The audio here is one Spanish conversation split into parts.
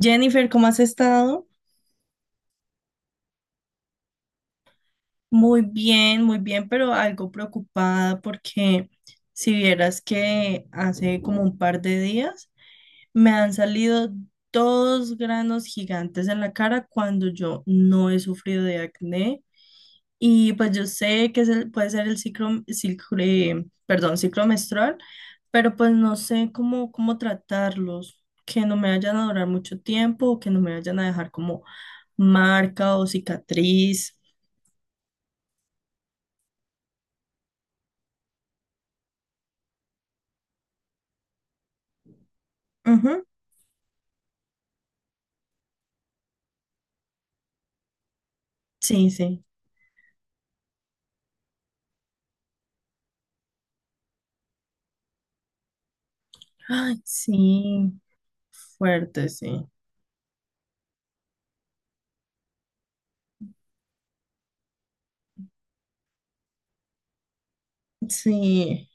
Jennifer, ¿cómo has estado? Muy bien, pero algo preocupada porque si vieras que hace como un par de días me han salido dos granos gigantes en la cara cuando yo no he sufrido de acné, y pues yo sé que puede ser el perdón, ciclo menstrual, pero pues no sé cómo tratarlos, que no me vayan a durar mucho tiempo o que no me vayan a dejar como marca o cicatriz. Ujú. Sí, sí. Ay, sí, fuerte, sí. Sí,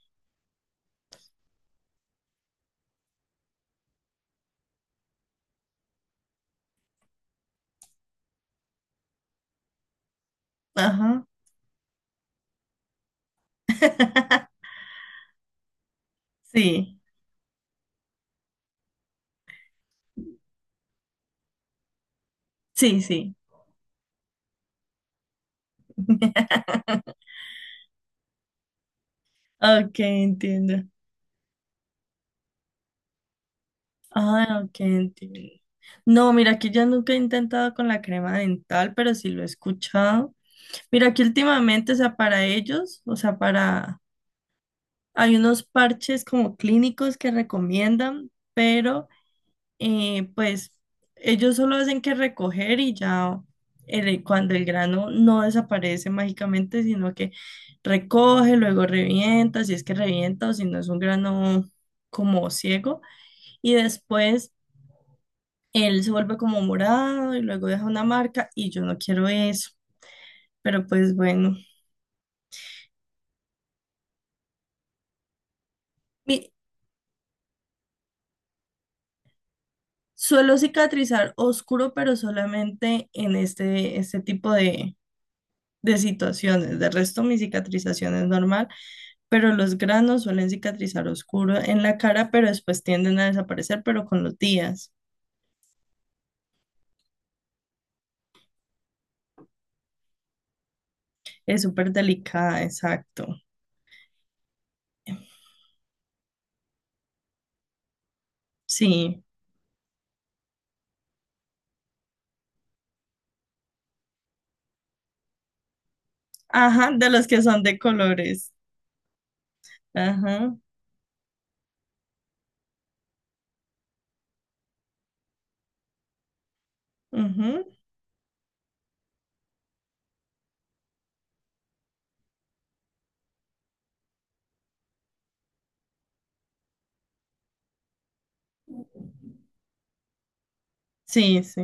ajá, sí, sí, sí. Ok, entiendo. Ah, ok, entiendo. No, mira, que yo nunca he intentado con la crema dental, pero sí lo he escuchado. Mira, que últimamente, o sea, para ellos, o sea, para... Hay unos parches como clínicos que recomiendan, pero... pues ellos solo hacen que recoger y ya cuando el grano no desaparece mágicamente, sino que recoge, luego revienta, si es que revienta o si no es un grano como ciego, y después él se vuelve como morado y luego deja una marca y yo no quiero eso, pero pues bueno. Mi- Suelo cicatrizar oscuro, pero solamente en este tipo de situaciones. De resto, mi cicatrización es normal, pero los granos suelen cicatrizar oscuro en la cara, pero después tienden a desaparecer, pero con los días. Es súper delicada, exacto. Sí. Ajá, de los que son de colores. Ajá. Ujú. Sí, sí.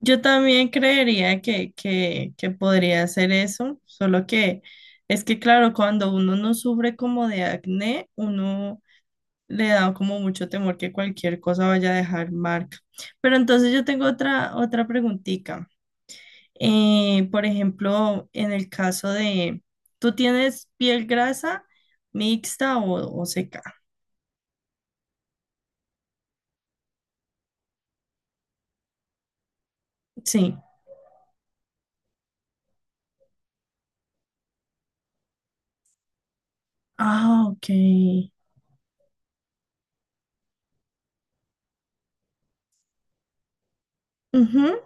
Yo también creería que, que podría ser eso, solo que es que claro, cuando uno no sufre como de acné, uno le da como mucho temor que cualquier cosa vaya a dejar marca. Pero entonces yo tengo otra preguntita. Por ejemplo, en el caso de, ¿tú tienes piel grasa mixta o seca? Sí. Ah, ok. Ujú.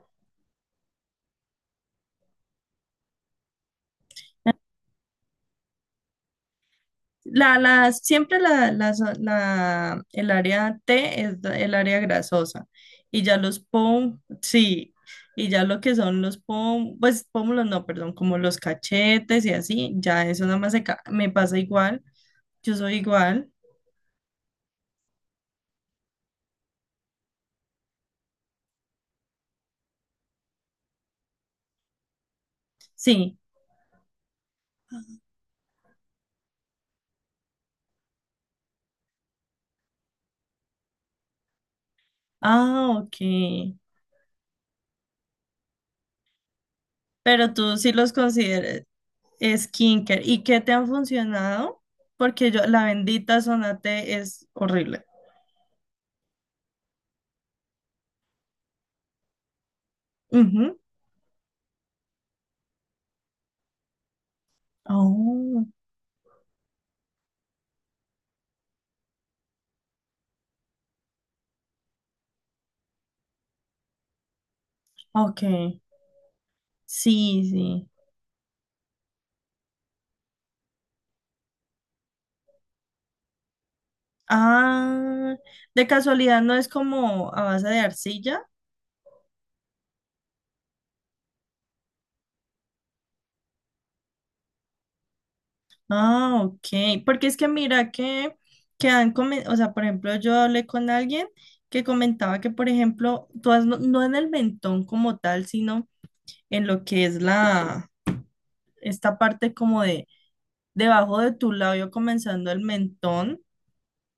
Siempre el área T es el área grasosa y ya los pom, sí, y ya lo que son los pom, pues pómulos no, perdón, como los cachetes y así, ya eso nada más me pasa igual, yo soy igual, sí, ah, ok, pero tú sí los consideras skincare, ¿y qué te han funcionado? Porque yo, la bendita zona T es horrible. Ujú. Oh, ok. Sí, sí. Ah, de casualidad no es como a base de arcilla. Ah, ok. Porque es que mira que han comentado, o sea, por ejemplo, yo hablé con alguien que comentaba que, por ejemplo, no, no en el mentón como tal, sino en lo que es la, esta parte como de debajo de tu labio comenzando el mentón.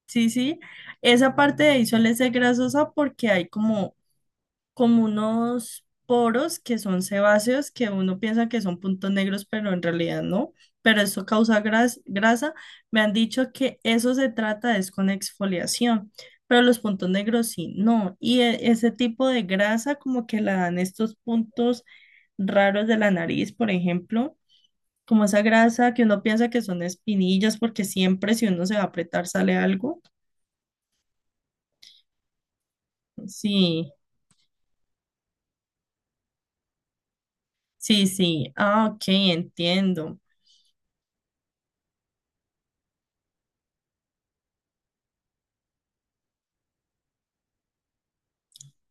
Sí, sí. Esa parte de ahí suele ser grasosa porque hay como unos poros que son sebáceos, que uno piensa que son puntos negros, pero en realidad no. Pero eso causa grasa. Me han dicho que eso se trata es con exfoliación, pero los puntos negros sí, no. Y ese tipo de grasa como que la dan estos puntos raros de la nariz, por ejemplo. Como esa grasa que uno piensa que son espinillas, porque siempre si uno se va a apretar sale algo. Sí, sí, sí. Ah, ok, entiendo.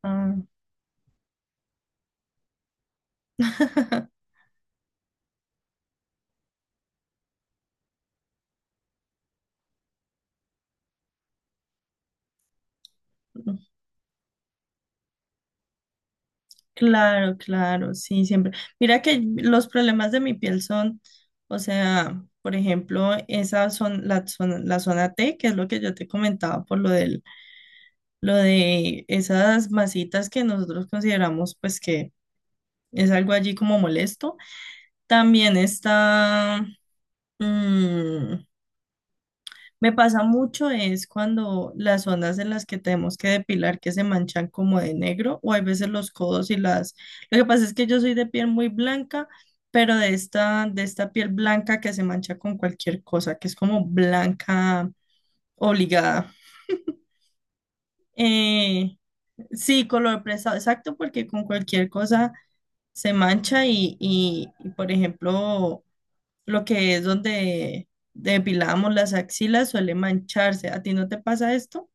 Ah. Claro, claro, sí, siempre. Mira que los problemas de mi piel son, o sea, por ejemplo, esa son la la zona T, que es lo que yo te comentaba por lo del, lo de esas masitas que nosotros consideramos pues que es algo allí como molesto. También está mm, me pasa mucho es cuando las zonas en las que tenemos que depilar que se manchan como de negro o hay veces los codos y las... Lo que pasa es que yo soy de piel muy blanca, pero de de esta piel blanca que se mancha con cualquier cosa, que es como blanca obligada. Eh, sí, color prestado, exacto, porque con cualquier cosa se mancha y, por ejemplo, lo que es donde depilamos las axilas suele mancharse. ¿A ti no te pasa esto?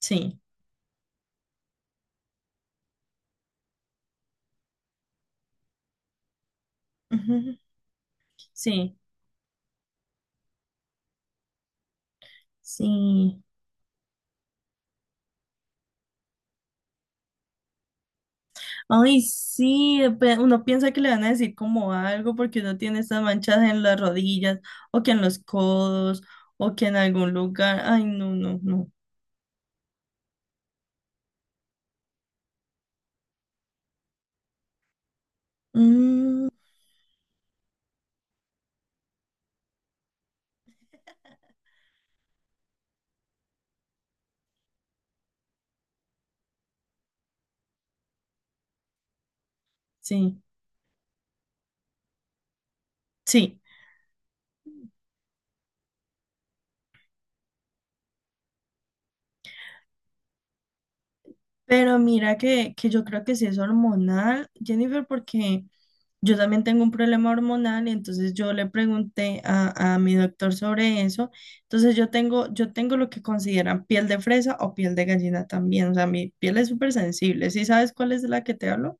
Sí. Ujú, sí, sí. Ay, sí, uno piensa que le van a decir como algo porque uno tiene estas manchas en las rodillas o que en los codos o que en algún lugar. Ay, no, no, no. Mm, sí, sí. Pero mira que yo creo que sí es hormonal, Jennifer, porque yo también tengo un problema hormonal y entonces yo le pregunté a mi doctor sobre eso. Entonces yo tengo lo que consideran piel de fresa o piel de gallina también. O sea, mi piel es súper sensible. ¿Sí sabes cuál es la que te hablo?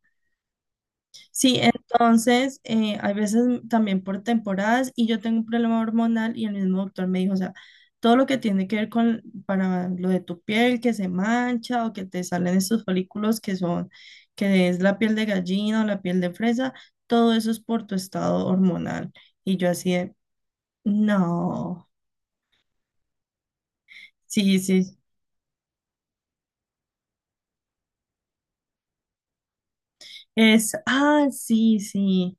Sí, entonces, hay veces también por temporadas y yo tengo un problema hormonal y el mismo doctor me dijo, o sea, todo lo que tiene que ver con para lo de tu piel que se mancha o que te salen estos folículos que son, que es la piel de gallina o la piel de fresa, todo eso es por tu estado hormonal. Y yo así de, no, sí, sí, sí. Es, ah, sí, sí,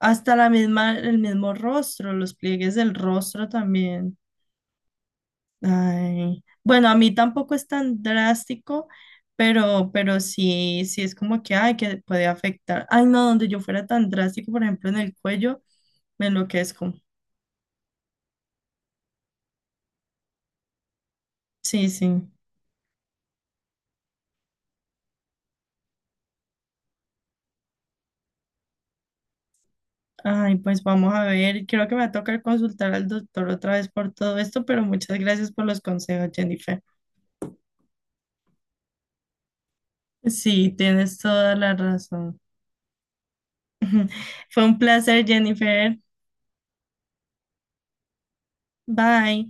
hasta la misma, el mismo rostro, los pliegues del rostro también. Ay, bueno, a mí tampoco es tan drástico, pero sí, sí es como que, ay, que puede afectar. Ay, no, donde yo fuera tan drástico, por ejemplo, en el cuello, me enloquezco. Sí, sí. Ay, pues vamos a ver. Creo que me va a tocar consultar al doctor otra vez por todo esto, pero muchas gracias por los consejos, Jennifer. Sí, tienes toda la razón. Fue un placer, Jennifer. Bye.